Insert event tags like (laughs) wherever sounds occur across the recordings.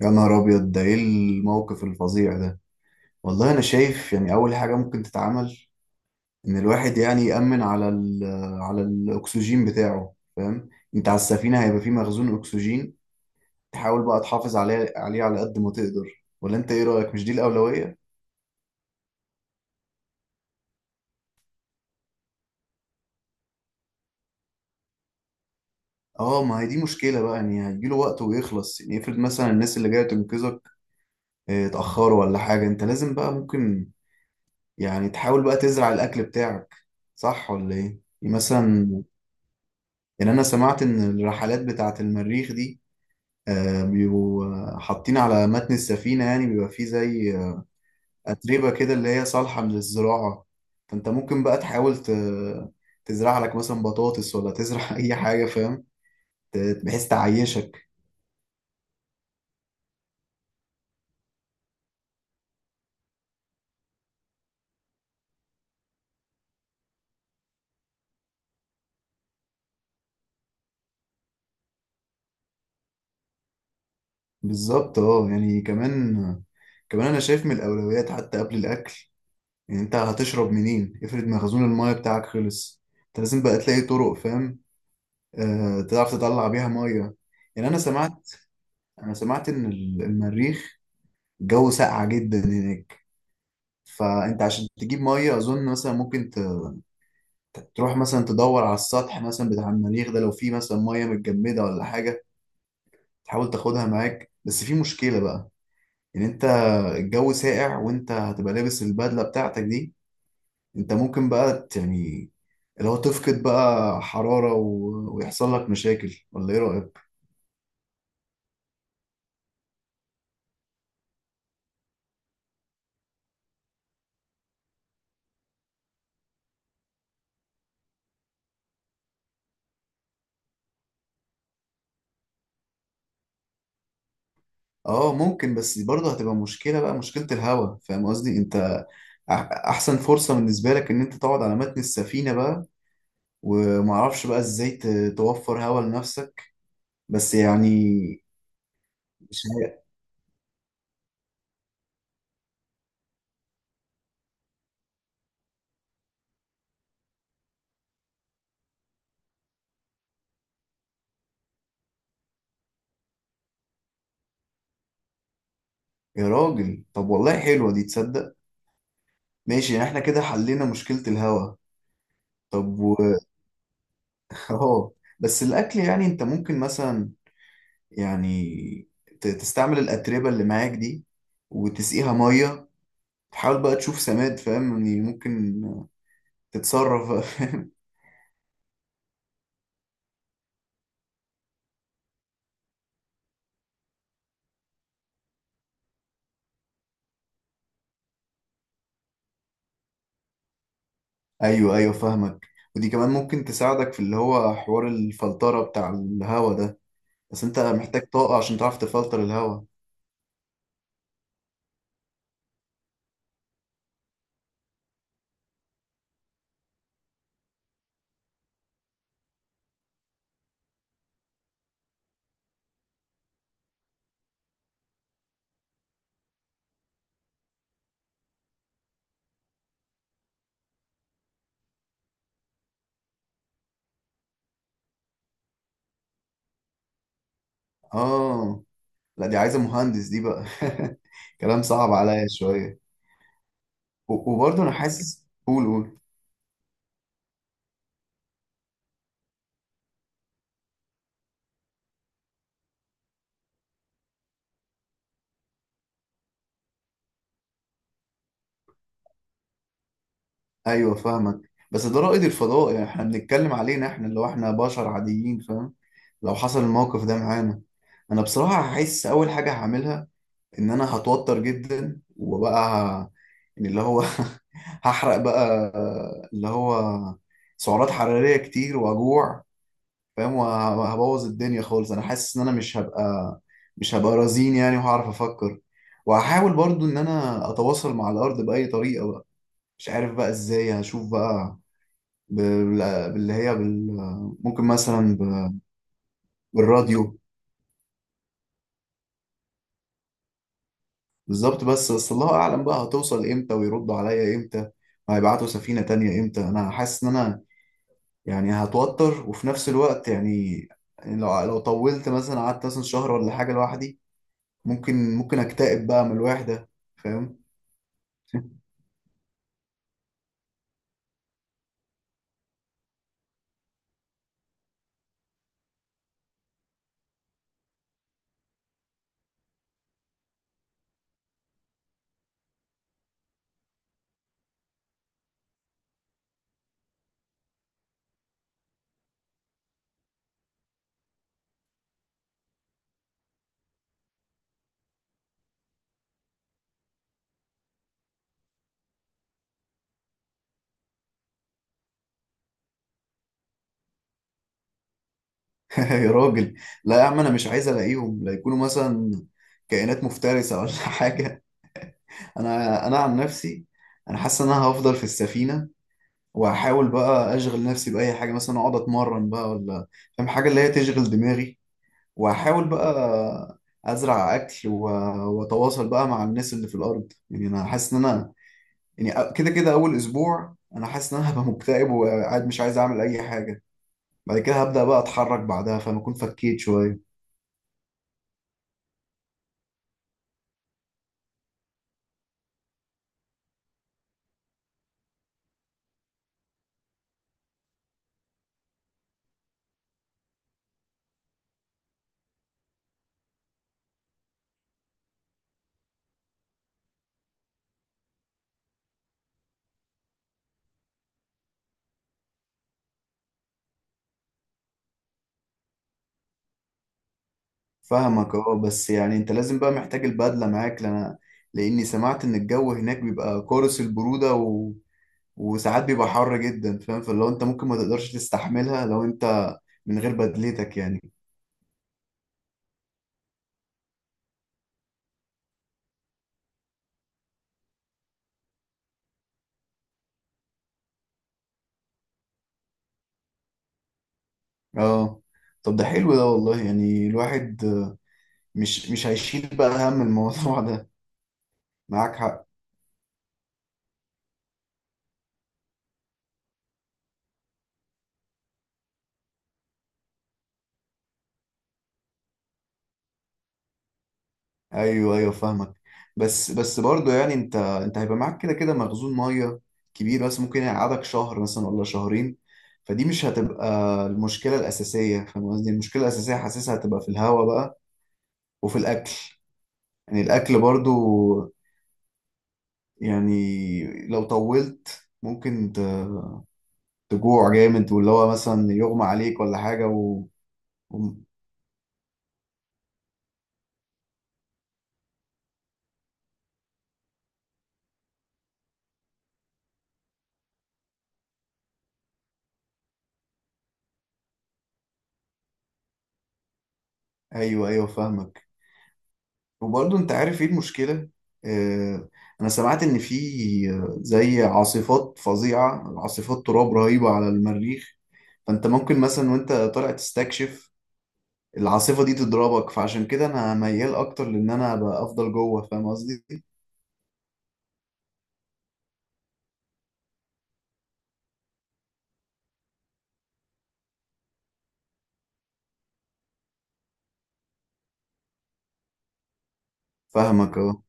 يا نهار أبيض، ده إيه الموقف الفظيع ده! والله أنا شايف يعني أول حاجة ممكن تتعمل إن الواحد يعني يأمن على الأكسجين بتاعه، فاهم؟ أنت على السفينة هيبقى فيه مخزون أكسجين، تحاول بقى تحافظ عليه على قد ما تقدر. ولا أنت إيه رأيك، مش دي الأولوية؟ آه، ما هي دي مشكلة بقى، يعني هيجيله وقت ويخلص. يعني افرض مثلا الناس اللي جاية تنقذك اتأخروا ولا حاجة، أنت لازم بقى ممكن يعني تحاول بقى تزرع الأكل بتاعك، صح ولا إيه؟ يعني مثلا، يعني انا سمعت ان الرحلات بتاعة المريخ دي بيبقوا حاطين على متن السفينة، يعني بيبقى فيه زي أتربة كده اللي هي صالحة للزراعة. فانت ممكن بقى تحاول تزرع لك مثلا بطاطس ولا تزرع (laughs) اي حاجة، فاهم؟ بحيث تعيشك. بالظبط، اه. يعني كمان انا شايف من الاولويات حتى قبل الاكل. يعني انت هتشرب منين؟ افرض مخزون المايه بتاعك خلص، انت لازم بقى تلاقي طرق، فاهم؟ آه، تعرف تطلع بيها ميه. يعني انا سمعت ان المريخ الجو ساقع جدا هناك، فانت عشان تجيب ميه اظن مثلا ممكن تروح مثلا تدور على السطح مثلا بتاع المريخ ده، لو في مثلا ميه متجمده ولا حاجه تحاول تاخدها معاك. بس في مشكله بقى، ان انت الجو ساقع وانت هتبقى لابس البدله بتاعتك دي، انت ممكن بقى يعني لو تفقد بقى حراره ويحصل لك مشاكل، ولا ايه رايك؟ اه ممكن، بس برضه هتبقى مشكلة بقى، مشكلة الهوا، فاهم قصدي؟ انت أح- احسن فرصة بالنسبة لك ان انت تقعد على متن السفينة بقى، ومعرفش بقى ازاي توفر هوا لنفسك، بس يعني مش عارف. يا راجل طب، والله حلوة دي، تصدق؟ ماشي، يعني احنا كده حلينا مشكلة الهوا. طب (laughs) اه. بس الاكل يعني انت ممكن مثلا، يعني تستعمل الاتربة اللي معاك دي وتسقيها مية، تحاول بقى تشوف سماد، فاهم؟ يعني ممكن تتصرف (laughs) فاهم؟ ايوه، ايوه فاهمك. ودي كمان ممكن تساعدك في اللي هو حوار الفلترة بتاع الهوا ده، بس انت محتاج طاقة عشان تعرف تفلتر الهوا. اه، لا دي عايزة مهندس دي بقى، (laughs) كلام صعب عليا شوية. وبرضه انا حاسس قول قول، ايوه فاهمك. بس ده رائد الفضاء، يعني احنا بنتكلم علينا احنا، اللي هو احنا بشر عاديين، فاهم؟ لو حصل الموقف ده معانا، انا بصراحة هحس اول حاجة هعملها ان انا هتوتر جدا، وبقى يعني اللي هو (laughs) هحرق بقى، اللي هو سعرات حرارية كتير واجوع، فاهم؟ وهبوظ الدنيا خالص. انا حاسس ان انا مش هبقى رزين يعني، وهعرف افكر. وهحاول برضو ان انا اتواصل مع الارض باي طريقة بقى، مش عارف بقى ازاي، هشوف بقى باللي هي ممكن مثلا بالراديو. بالظبط. بس الله اعلم بقى، هتوصل امتى ويردوا عليا امتى وهيبعتوا سفينه تانية امتى؟ انا حاسس ان انا يعني هتوتر، وفي نفس الوقت يعني لو طولت مثلا قعدت مثلا شهر ولا حاجه لوحدي، ممكن اكتئب بقى من الوحده، فاهم؟ (laughs) يا راجل، لا يا عم، انا مش عايز الاقيهم لا يكونوا مثلا كائنات مفترسه ولا (laughs) حاجه. انا عن نفسي، انا حاسس ان انا هفضل في السفينه، واحاول بقى اشغل نفسي باي حاجه، مثلا اقعد اتمرن بقى ولا، فاهم، حاجه اللي هي تشغل دماغي. واحاول بقى ازرع اكل، واتواصل بقى مع الناس اللي في الارض. يعني انا حاسس ان انا يعني كده كده اول اسبوع انا حاسس ان انا هبقى مكتئب وقاعد مش عايز اعمل اي حاجه، بعد كده هبدا بقى اتحرك، بعدها فانا اكون فكيت شويه. فاهمك، اه. بس يعني انت لازم بقى محتاج البدلة معاك، لأنا لأني سمعت إن الجو هناك بيبقى قارس البرودة وساعات بيبقى حر جدا، فاهم؟ فلو انت ممكن ما تقدرش تستحملها لو انت من غير بدلتك يعني. اه، طب ده حلو ده، والله يعني الواحد مش هيشيل بقى هم الموضوع ده، معاك حق. ايوه، ايوه فاهمك. بس برضه يعني انت هيبقى معاك كده كده مخزون ميه كبير، بس ممكن يقعدك شهر مثلا ولا شهرين، فدي مش هتبقى المشكله الاساسيه، فاهم قصدي؟ المشكله الاساسيه حاسسها هتبقى في الهواء بقى وفي الاكل، يعني الاكل برضه يعني لو طولت ممكن تجوع جامد، واللي هو مثلا يغمى عليك ولا حاجه و... ايوه، ايوه فاهمك. وبرضه انت عارف ايه المشكلة؟ آه، انا سمعت ان في زي عاصفات فظيعة، عاصفات تراب رهيبة على المريخ، فانت ممكن مثلا وانت طالع تستكشف العاصفة دي تضربك، فعشان كده انا ميال اكتر لان انا ابقى افضل جوه، فاهم قصدي؟ فاهمك، اه.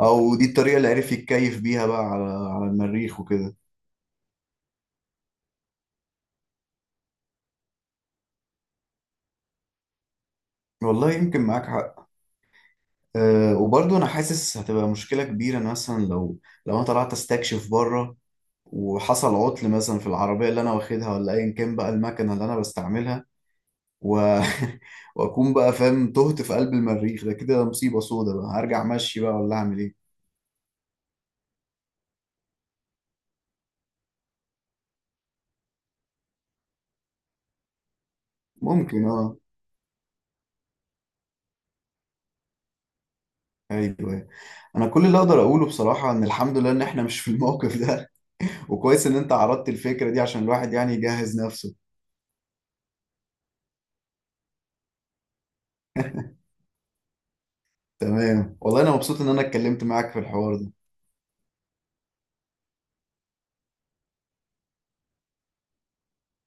او دي الطريقة اللي عرف يتكيف بيها بقى على المريخ وكده. والله يمكن معاك حق. وبرضه انا حاسس هتبقى مشكله كبيره، إن مثلا لو انا طلعت استكشف بره وحصل عطل مثلا في العربيه اللي انا واخدها، ولا ايا كان بقى المكنه اللي انا بستعملها، و... (laughs) واكون بقى فاهم تهت في قلب المريخ ده، كده مصيبه سودا بقى، هرجع مشي بقى ولا اعمل ايه؟ ممكن، اه، ايوه. انا كل اللي اقدر اقوله بصراحه ان الحمد لله ان احنا مش في الموقف ده، (laughs) وكويس ان انت عرضت الفكره دي عشان الواحد يعني يجهز نفسه. تمام، والله انا مبسوط ان انا اتكلمت معاك في الحوار ده.